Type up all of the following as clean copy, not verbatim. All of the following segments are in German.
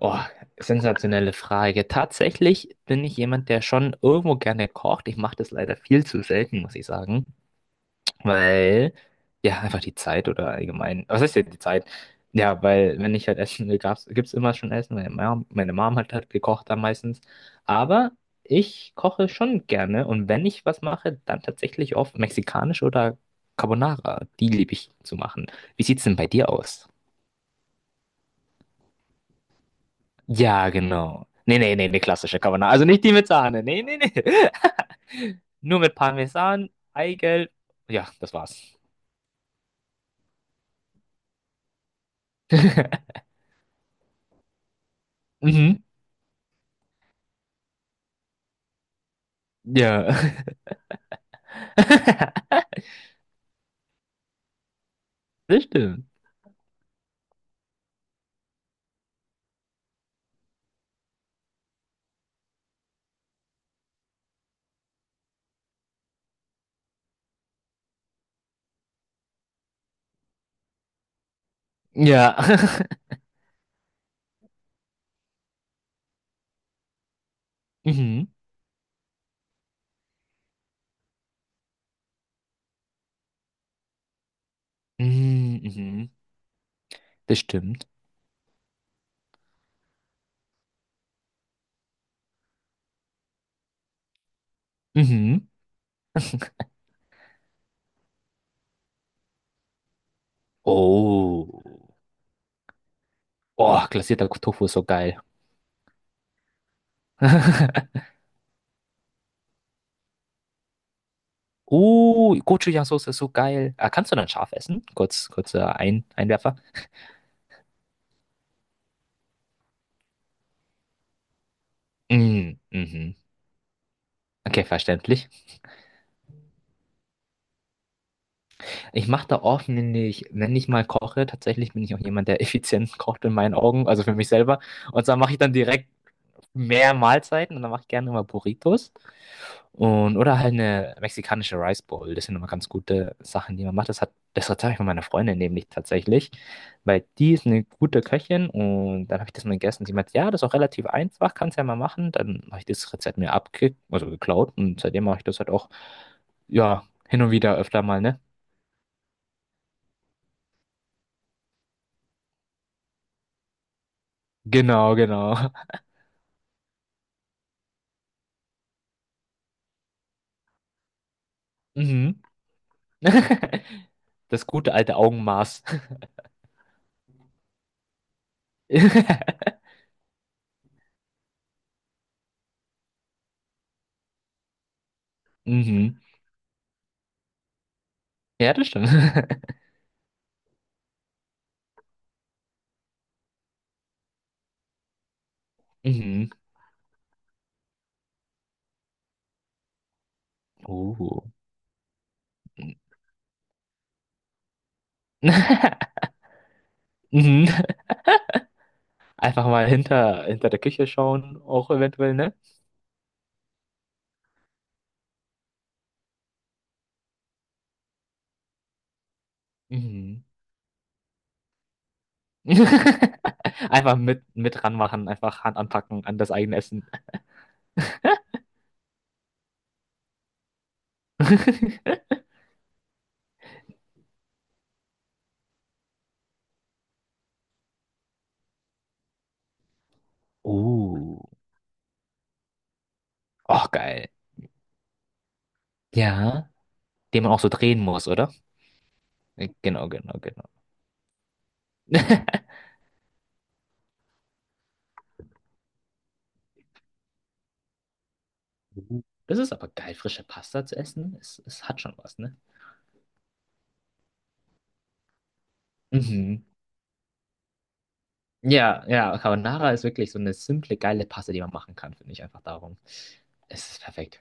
Oh, sensationelle Frage. Tatsächlich bin ich jemand, der schon irgendwo gerne kocht. Ich mache das leider viel zu selten, muss ich sagen, weil ja einfach die Zeit oder allgemein, was ist denn die Zeit? Ja, weil wenn ich halt essen will, gibt's immer schon Essen. Meine Mom hat halt gekocht dann meistens. Aber ich koche schon gerne und wenn ich was mache, dann tatsächlich oft mexikanisch oder Carbonara. Die liebe ich zu machen. Wie sieht's denn bei dir aus? Ja, genau. Nee, nee, nee, nee, klassische Carbonara. Also nicht die mit Sahne. Nee, nee, nee. Nur mit Parmesan, Eigelb. Ja, das war's. Mhm. Ja. Das stimmt. Ja. Mhm. Mhm. Mhm. Das stimmt. Mhm. Oh. Oh, glasierter Tofu ist so geil. Oh, Gochujang-Soße ist so geil. Ah, kannst du dann scharf essen? Kurz, kurzer Ein Einwerfer. Mm, mhm. Okay, verständlich. Ich mache da oft, wenn ich, wenn ich mal koche, tatsächlich bin ich auch jemand, der effizient kocht in meinen Augen, also für mich selber. Und zwar mache ich dann direkt mehr Mahlzeiten und dann mache ich gerne immer Burritos und oder halt eine mexikanische Rice Bowl. Das sind immer ganz gute Sachen, die man macht. Das Rezept habe ich von meiner Freundin nämlich tatsächlich, weil die ist eine gute Köchin und dann habe ich das mal gegessen. Und sie meinte, ja, das ist auch relativ einfach, kannst ja mal machen. Dann habe ich das Rezept mir also geklaut und seitdem mache ich das halt auch, ja, hin und wieder öfter mal, ne? Genau, genau. Mhm. Das gute alte Augenmaß. Mhm. Ja, das stimmt. Mhm. Oh. Mhm. Einfach mal hinter, hinter der Küche schauen, auch eventuell, ne? Mhm. Einfach mit ranmachen, einfach Hand anpacken an das eigene Essen. Oh. Oh, geil. Ja. Den man auch so drehen muss, oder? Genau, genau, genau. Uh, das ist aber geil, frische Pasta zu essen. Es hat schon was, ne? Mhm. Ja, ja, Carbonara ist wirklich so eine simple, geile Paste, die man machen kann, finde ich einfach darum. Es ist perfekt.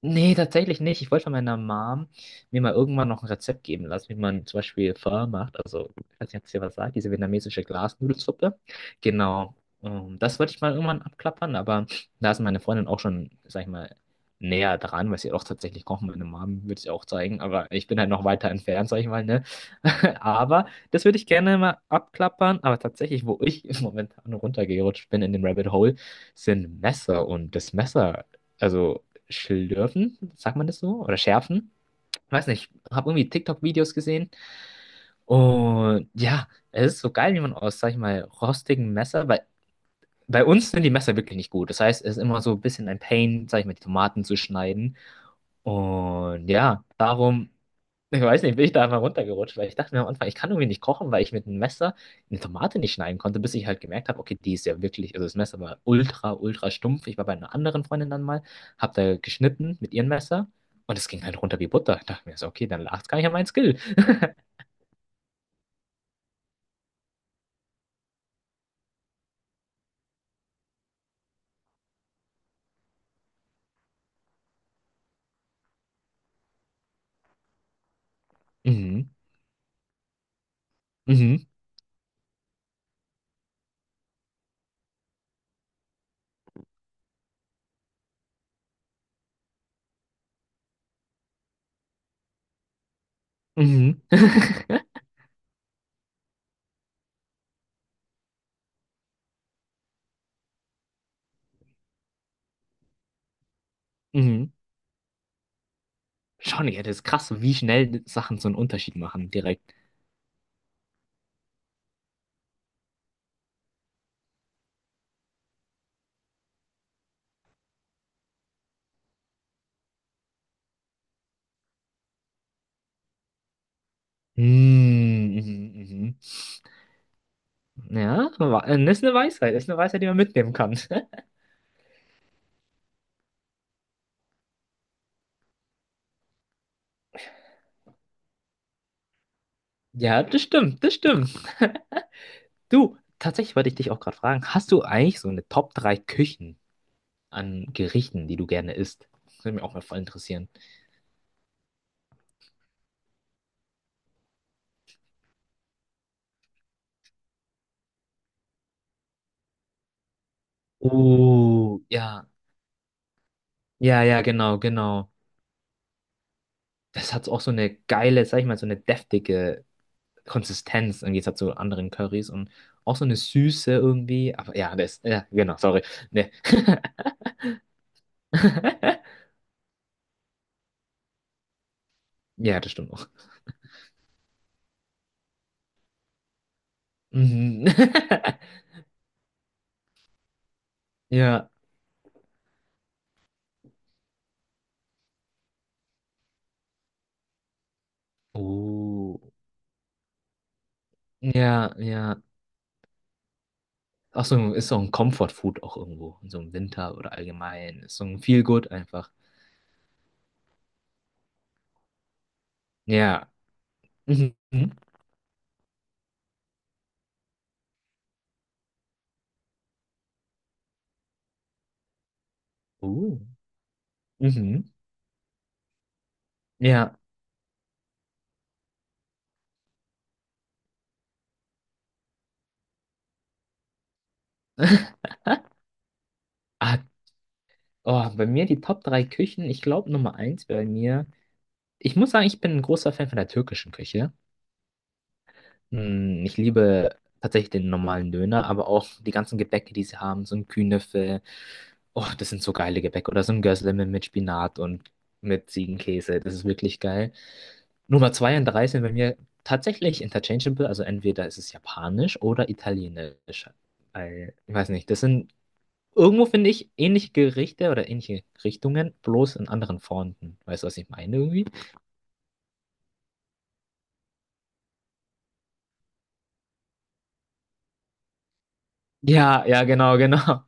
Nee, tatsächlich nicht. Ich wollte von meiner Mom mir mal irgendwann noch ein Rezept geben lassen, wie man zum Beispiel Pho macht. Also, ich weiß nicht, ob es dir was sagt, diese vietnamesische Glasnudelsuppe. Genau. Das wollte ich mal irgendwann abklappern, aber da ist meine Freundin auch schon, sag ich mal, näher dran, weil sie auch tatsächlich kochen. Meine Mom würde es ihr auch zeigen, aber ich bin halt noch weiter entfernt, sag ich mal, ne? Aber das würde ich gerne mal abklappern. Aber tatsächlich, wo ich im Moment runtergerutscht bin in den Rabbit Hole, sind Messer und das Messer. Also schlürfen, sagt man das so? Oder schärfen? Weiß nicht, habe irgendwie TikTok-Videos gesehen. Und ja, es ist so geil, wie man aus, sag ich mal, rostigem Messer, weil bei uns sind die Messer wirklich nicht gut. Das heißt, es ist immer so ein bisschen ein Pain, sag ich mal, die Tomaten zu schneiden. Und ja, darum ich weiß nicht, bin ich da einfach runtergerutscht, weil ich dachte mir am Anfang, ich kann irgendwie nicht kochen, weil ich mit einem Messer eine Tomate nicht schneiden konnte, bis ich halt gemerkt habe, okay, die ist ja wirklich, also das Messer war ultra, ultra stumpf. Ich war bei einer anderen Freundin dann mal, hab da geschnitten mit ihrem Messer und es ging halt runter wie Butter. Ich dachte mir so, okay, dann lag es gar nicht an meinem Skill. Mhm, mhm, mhm, mhm. Schon, ja, das ist krass, wie schnell Sachen so einen Unterschied machen, direkt. Mhm, mhm, mhm. Ja, das ist eine Weisheit, das ist eine Weisheit, die man mitnehmen kann. Ja, das stimmt, das stimmt. Du, tatsächlich wollte ich dich auch gerade fragen, hast du eigentlich so eine Top 3 Küchen an Gerichten, die du gerne isst? Das würde mich auch mal voll interessieren. Oh, ja. Ja, ja, genau, genau. Das hat auch so eine geile, sag ich mal, so eine deftige Konsistenz im Gegensatz zu anderen Currys und auch so eine Süße irgendwie. Aber ja, das, ja, genau, sorry. Nee. Ja, das stimmt auch. Mhm. Ja. Oh. Ja, ja. Auch so ein, ist so ein Comfort Food auch irgendwo. So im Winter oder allgemein. Ist so ein Feel Good einfach. Ja. Mhm. Uh. Mhm. Ja. Ah, oh, bei mir die Top 3 Küchen. Ich glaube, Nummer eins bei mir. Ich muss sagen, ich bin ein großer Fan von der türkischen Küche. Mm, ich liebe tatsächlich den normalen Döner, aber auch die ganzen Gebäcke, die sie haben, so ein Künefe. Oh, das sind so geile Gebäcke. Oder so ein Gözleme mit Spinat und mit Ziegenkäse. Das ist wirklich geil. Nummer zwei und drei sind bei mir tatsächlich interchangeable. Also entweder ist es japanisch oder italienisch. Weil, ich weiß nicht. Das sind irgendwo, finde ich, ähnliche Gerichte oder ähnliche Richtungen, bloß in anderen Formen. Weißt du, was ich meine irgendwie? Ja, ja, genau, genau.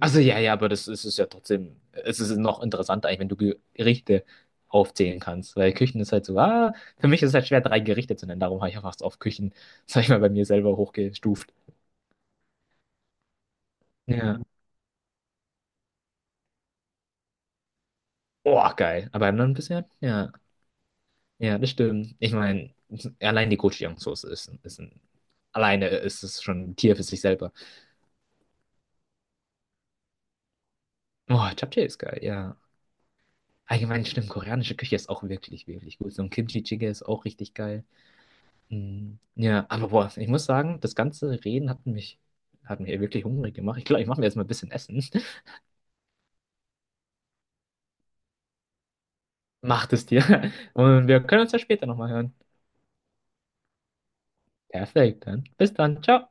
Also ja, ja, aber das ist es ja trotzdem, es ist noch interessanter eigentlich, wenn du Gerichte aufzählen kannst, weil Küchen ist halt so, ah, für mich ist es halt schwer, drei Gerichte zu nennen, darum habe ich einfach es auf Küchen, sag ich mal, bei mir selber hochgestuft. Ja. Oh, geil. Aber dann bisher, ja, ja, das stimmt. Ich meine, allein die Gochujang-Soße ist, ist ein, alleine ist es schon ein Tier für sich selber. Oh, Japchae ist geil, ja. Allgemein stimmt, koreanische Küche ist auch wirklich, wirklich gut. So ein Kimchi-Jjigae ist auch richtig geil. Mm, ja, aber boah, ich muss sagen, das ganze Reden hat mich wirklich hungrig gemacht. Ich glaube, ich mache mir jetzt mal ein bisschen Essen. Macht es dir. Und wir können uns ja später nochmal hören. Perfekt, dann. Bis dann. Ciao.